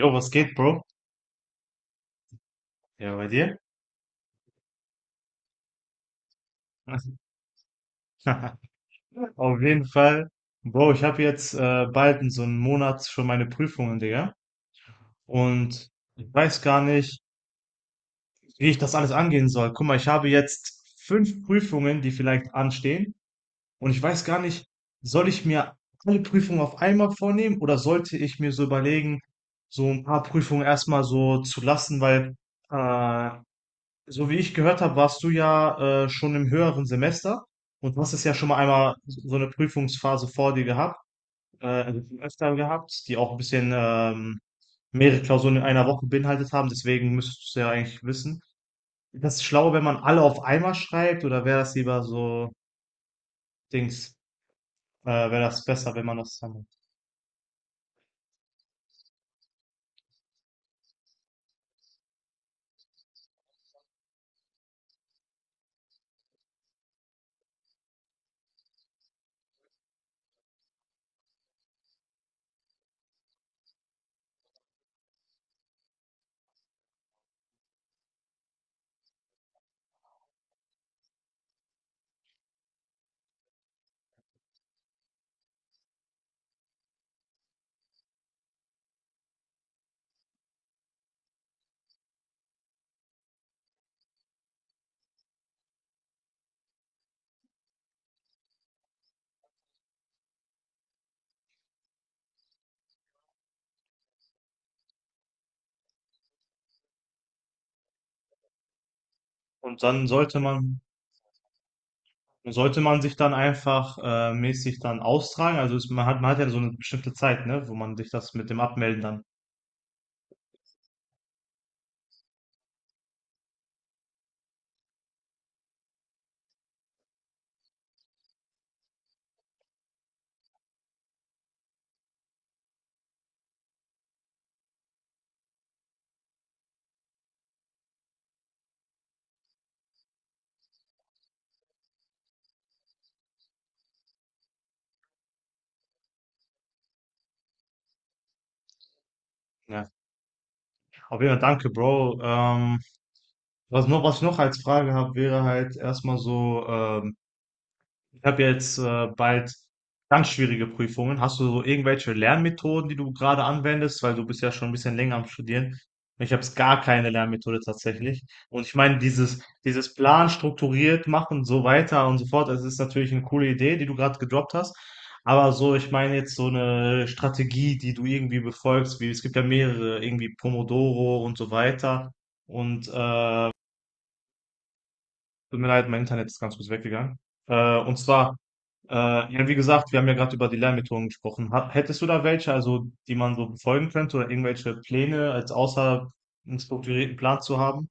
Jo, was geht, Bro? Ja, bei dir? Auf jeden Fall. Bro, ich habe jetzt bald in so einem Monat schon meine Prüfungen, Digga. Und ich weiß gar nicht, wie ich das alles angehen soll. Guck mal, ich habe jetzt fünf Prüfungen, die vielleicht anstehen. Und ich weiß gar nicht, soll ich mir alle Prüfungen auf einmal vornehmen oder sollte ich mir so überlegen, so ein paar Prüfungen erstmal so zu lassen, weil äh, so wie ich gehört habe, warst du ja schon im höheren Semester und du hast es ja schon mal einmal so eine Prüfungsphase vor dir gehabt, also schon öfter gehabt, die auch ein bisschen mehrere Klausuren in einer Woche beinhaltet haben. Deswegen müsstest du es ja eigentlich wissen. Ist das schlau, wenn man alle auf einmal schreibt oder wäre das lieber so Dings, wäre das besser, wenn man das dann macht? Und dann sollte man sich dann einfach mäßig dann austragen. Also man hat ja so eine bestimmte Zeit, ne, wo man sich das mit dem Abmelden dann ja. Auf jeden Fall, danke, Bro. Was ich noch als Frage habe, wäre halt erstmal so. Ich habe jetzt bald ganz schwierige Prüfungen. Hast du so irgendwelche Lernmethoden, die du gerade anwendest? Weil du bist ja schon ein bisschen länger am Studieren. Ich habe gar keine Lernmethode tatsächlich. Und ich meine, dieses Plan strukturiert machen und so weiter und so fort, das ist natürlich eine coole Idee, die du gerade gedroppt hast. Aber so, ich meine jetzt so eine Strategie, die du irgendwie befolgst, wie es gibt ja mehrere, irgendwie Pomodoro und so weiter. Und tut mir leid, mein Internet ist ganz kurz weggegangen. Und zwar, ja, wie gesagt, wir haben ja gerade über die Lernmethoden gesprochen. Hättest du da welche, also die man so befolgen könnte oder irgendwelche Pläne als außer einen strukturierten Plan zu haben?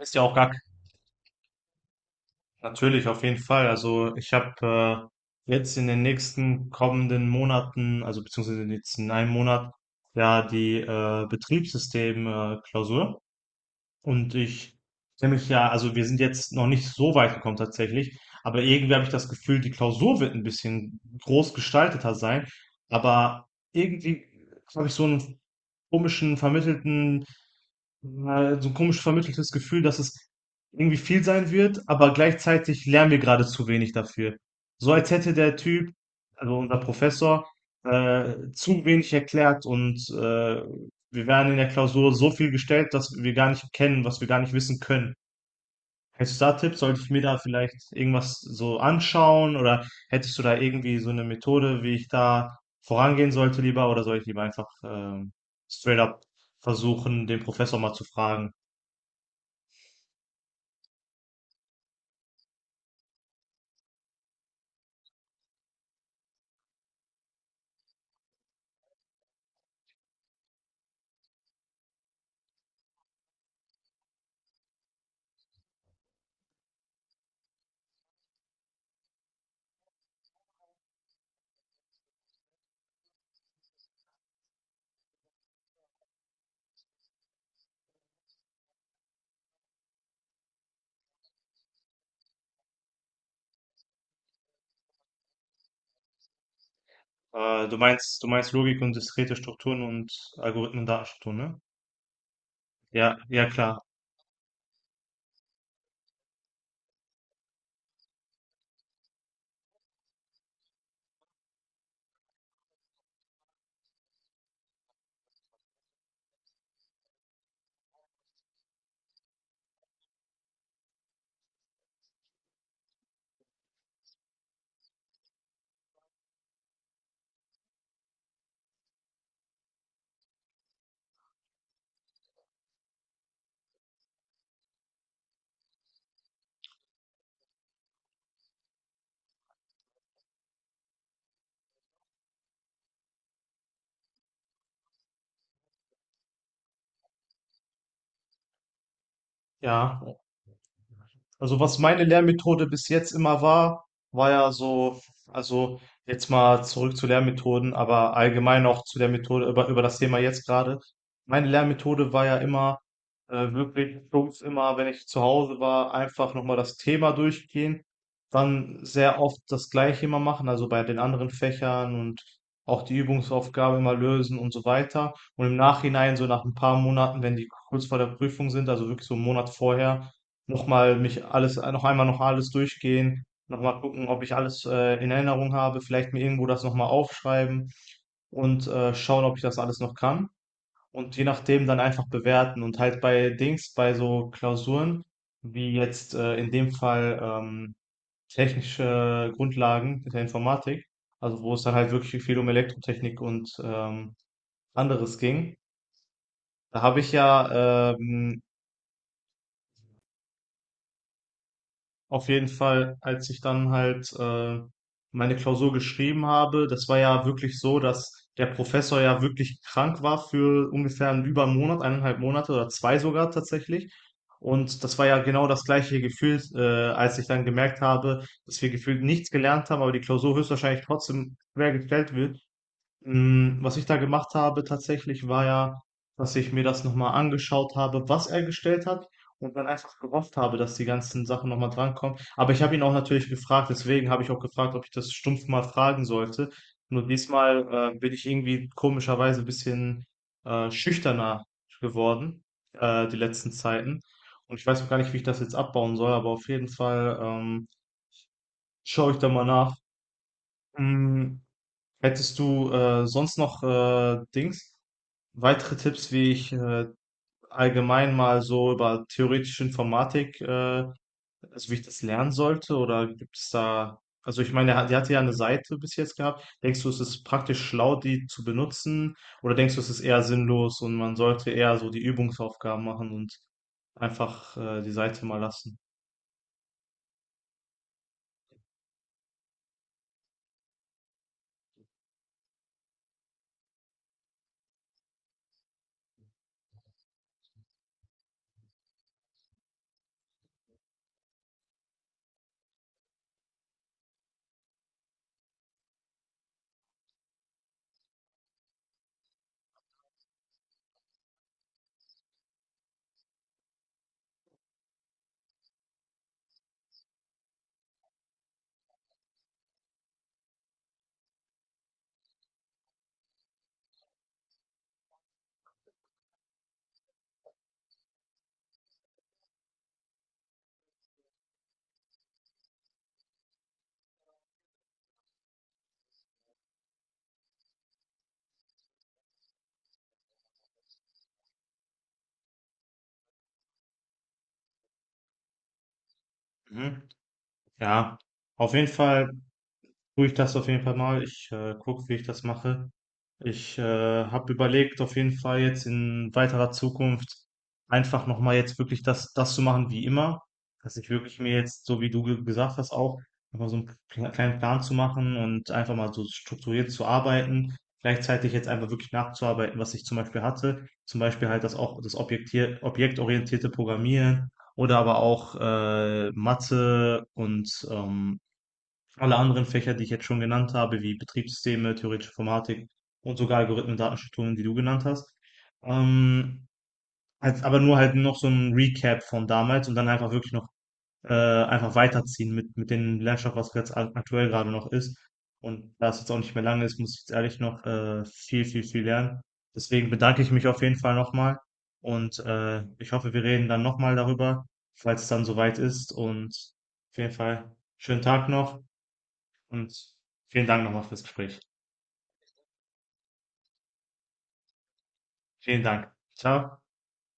Ist ja auch gar natürlich auf jeden Fall. Also ich habe jetzt in den nächsten kommenden Monaten, also beziehungsweise in den letzten einem Monat, ja die Betriebssystem Klausur. Und ich kenne mich ja, also wir sind jetzt noch nicht so weit gekommen tatsächlich, aber irgendwie habe ich das Gefühl, die Klausur wird ein bisschen groß gestalteter sein, aber irgendwie habe ich komischen vermittelten, so ein komisch vermitteltes Gefühl, dass es irgendwie viel sein wird, aber gleichzeitig lernen wir gerade zu wenig dafür. So als hätte der Typ, also unser Professor, zu wenig erklärt und wir werden in der Klausur so viel gestellt, dass wir gar nicht kennen, was wir gar nicht wissen können. Hättest du da Tipps? Sollte ich mir da vielleicht irgendwas so anschauen oder hättest du da irgendwie so eine Methode, wie ich da vorangehen sollte lieber oder soll ich lieber einfach straight up versuchen, den Professor mal zu fragen? Du meinst Logik und diskrete Strukturen und Algorithmen und Datenstrukturen, ne? Ja, ja klar. Ja. Also was meine Lernmethode bis jetzt immer war, war ja so, also jetzt mal zurück zu Lernmethoden, aber allgemein auch zu der Methode, über das Thema jetzt gerade. Meine Lernmethode war ja immer wirklich stumpf immer, wenn ich zu Hause war, einfach nochmal das Thema durchgehen, dann sehr oft das Gleiche immer machen, also bei den anderen Fächern und auch die Übungsaufgabe immer lösen und so weiter. Und im Nachhinein, so nach ein paar Monaten, wenn die kurz vor der Prüfung sind, also wirklich so einen Monat vorher, nochmal mich alles, noch einmal noch alles durchgehen, nochmal gucken, ob ich alles in Erinnerung habe, vielleicht mir irgendwo das nochmal aufschreiben und schauen, ob ich das alles noch kann. Und je nachdem dann einfach bewerten und halt bei Dings, bei so Klausuren, wie jetzt in dem Fall technische Grundlagen der Informatik, also wo es dann halt wirklich viel um Elektrotechnik und anderes ging. Da habe ich ja auf jeden Fall, als ich dann halt meine Klausur geschrieben habe, das war ja wirklich so, dass der Professor ja wirklich krank war für ungefähr einen über einen Monat, eineinhalb Monate oder zwei sogar tatsächlich. Und das war ja genau das gleiche Gefühl, als ich dann gemerkt habe, dass wir gefühlt nichts gelernt haben, aber die Klausur höchstwahrscheinlich trotzdem quer gestellt wird. Was ich da gemacht habe tatsächlich, war ja, dass ich mir das nochmal angeschaut habe, was er gestellt hat und dann einfach gehofft habe, dass die ganzen Sachen nochmal drankommen. Aber ich habe ihn auch natürlich gefragt, deswegen habe ich auch gefragt, ob ich das stumpf mal fragen sollte. Nur diesmal bin ich irgendwie komischerweise ein bisschen schüchterner geworden, die letzten Zeiten. Und ich weiß auch gar nicht, wie ich das jetzt abbauen soll, aber auf jeden Fall schaue ich da mal nach. Hm, hättest du sonst noch Dings? Weitere Tipps, wie ich allgemein mal so über theoretische Informatik, also wie ich das lernen sollte, oder gibt es da, also ich meine, die hatte ja eine Seite bis jetzt gehabt. Denkst du, es ist praktisch schlau, die zu benutzen, oder denkst du, es ist eher sinnlos und man sollte eher so die Übungsaufgaben machen und einfach die Seite mal lassen? Mhm. Ja, auf jeden Fall. Tue ich das auf jeden Fall mal. Ich gucke, wie ich das mache. Ich habe überlegt, auf jeden Fall jetzt in weiterer Zukunft einfach nochmal jetzt wirklich das zu machen wie immer. Dass ich wirklich mir jetzt, so wie du gesagt hast, auch einfach so einen kleinen Plan zu machen und einfach mal so strukturiert zu arbeiten. Gleichzeitig jetzt einfach wirklich nachzuarbeiten, was ich zum Beispiel hatte. Zum Beispiel halt das auch das objektorientierte Programmieren oder aber auch Mathe und alle anderen Fächer, die ich jetzt schon genannt habe, wie Betriebssysteme, theoretische Informatik und sogar Algorithmen, Datenstrukturen, die du genannt hast. Ähm, aber nur halt noch so ein Recap von damals und dann einfach wirklich noch einfach weiterziehen mit dem Lernstoff, was jetzt aktuell gerade noch ist. Und da es jetzt auch nicht mehr lange ist, muss ich jetzt ehrlich noch viel, viel, viel lernen. Deswegen bedanke ich mich auf jeden Fall nochmal und ich hoffe, wir reden dann nochmal darüber, falls es dann soweit ist. Und auf jeden Fall schönen Tag noch. Und vielen Dank nochmal fürs Gespräch. Vielen Dank. Ciao.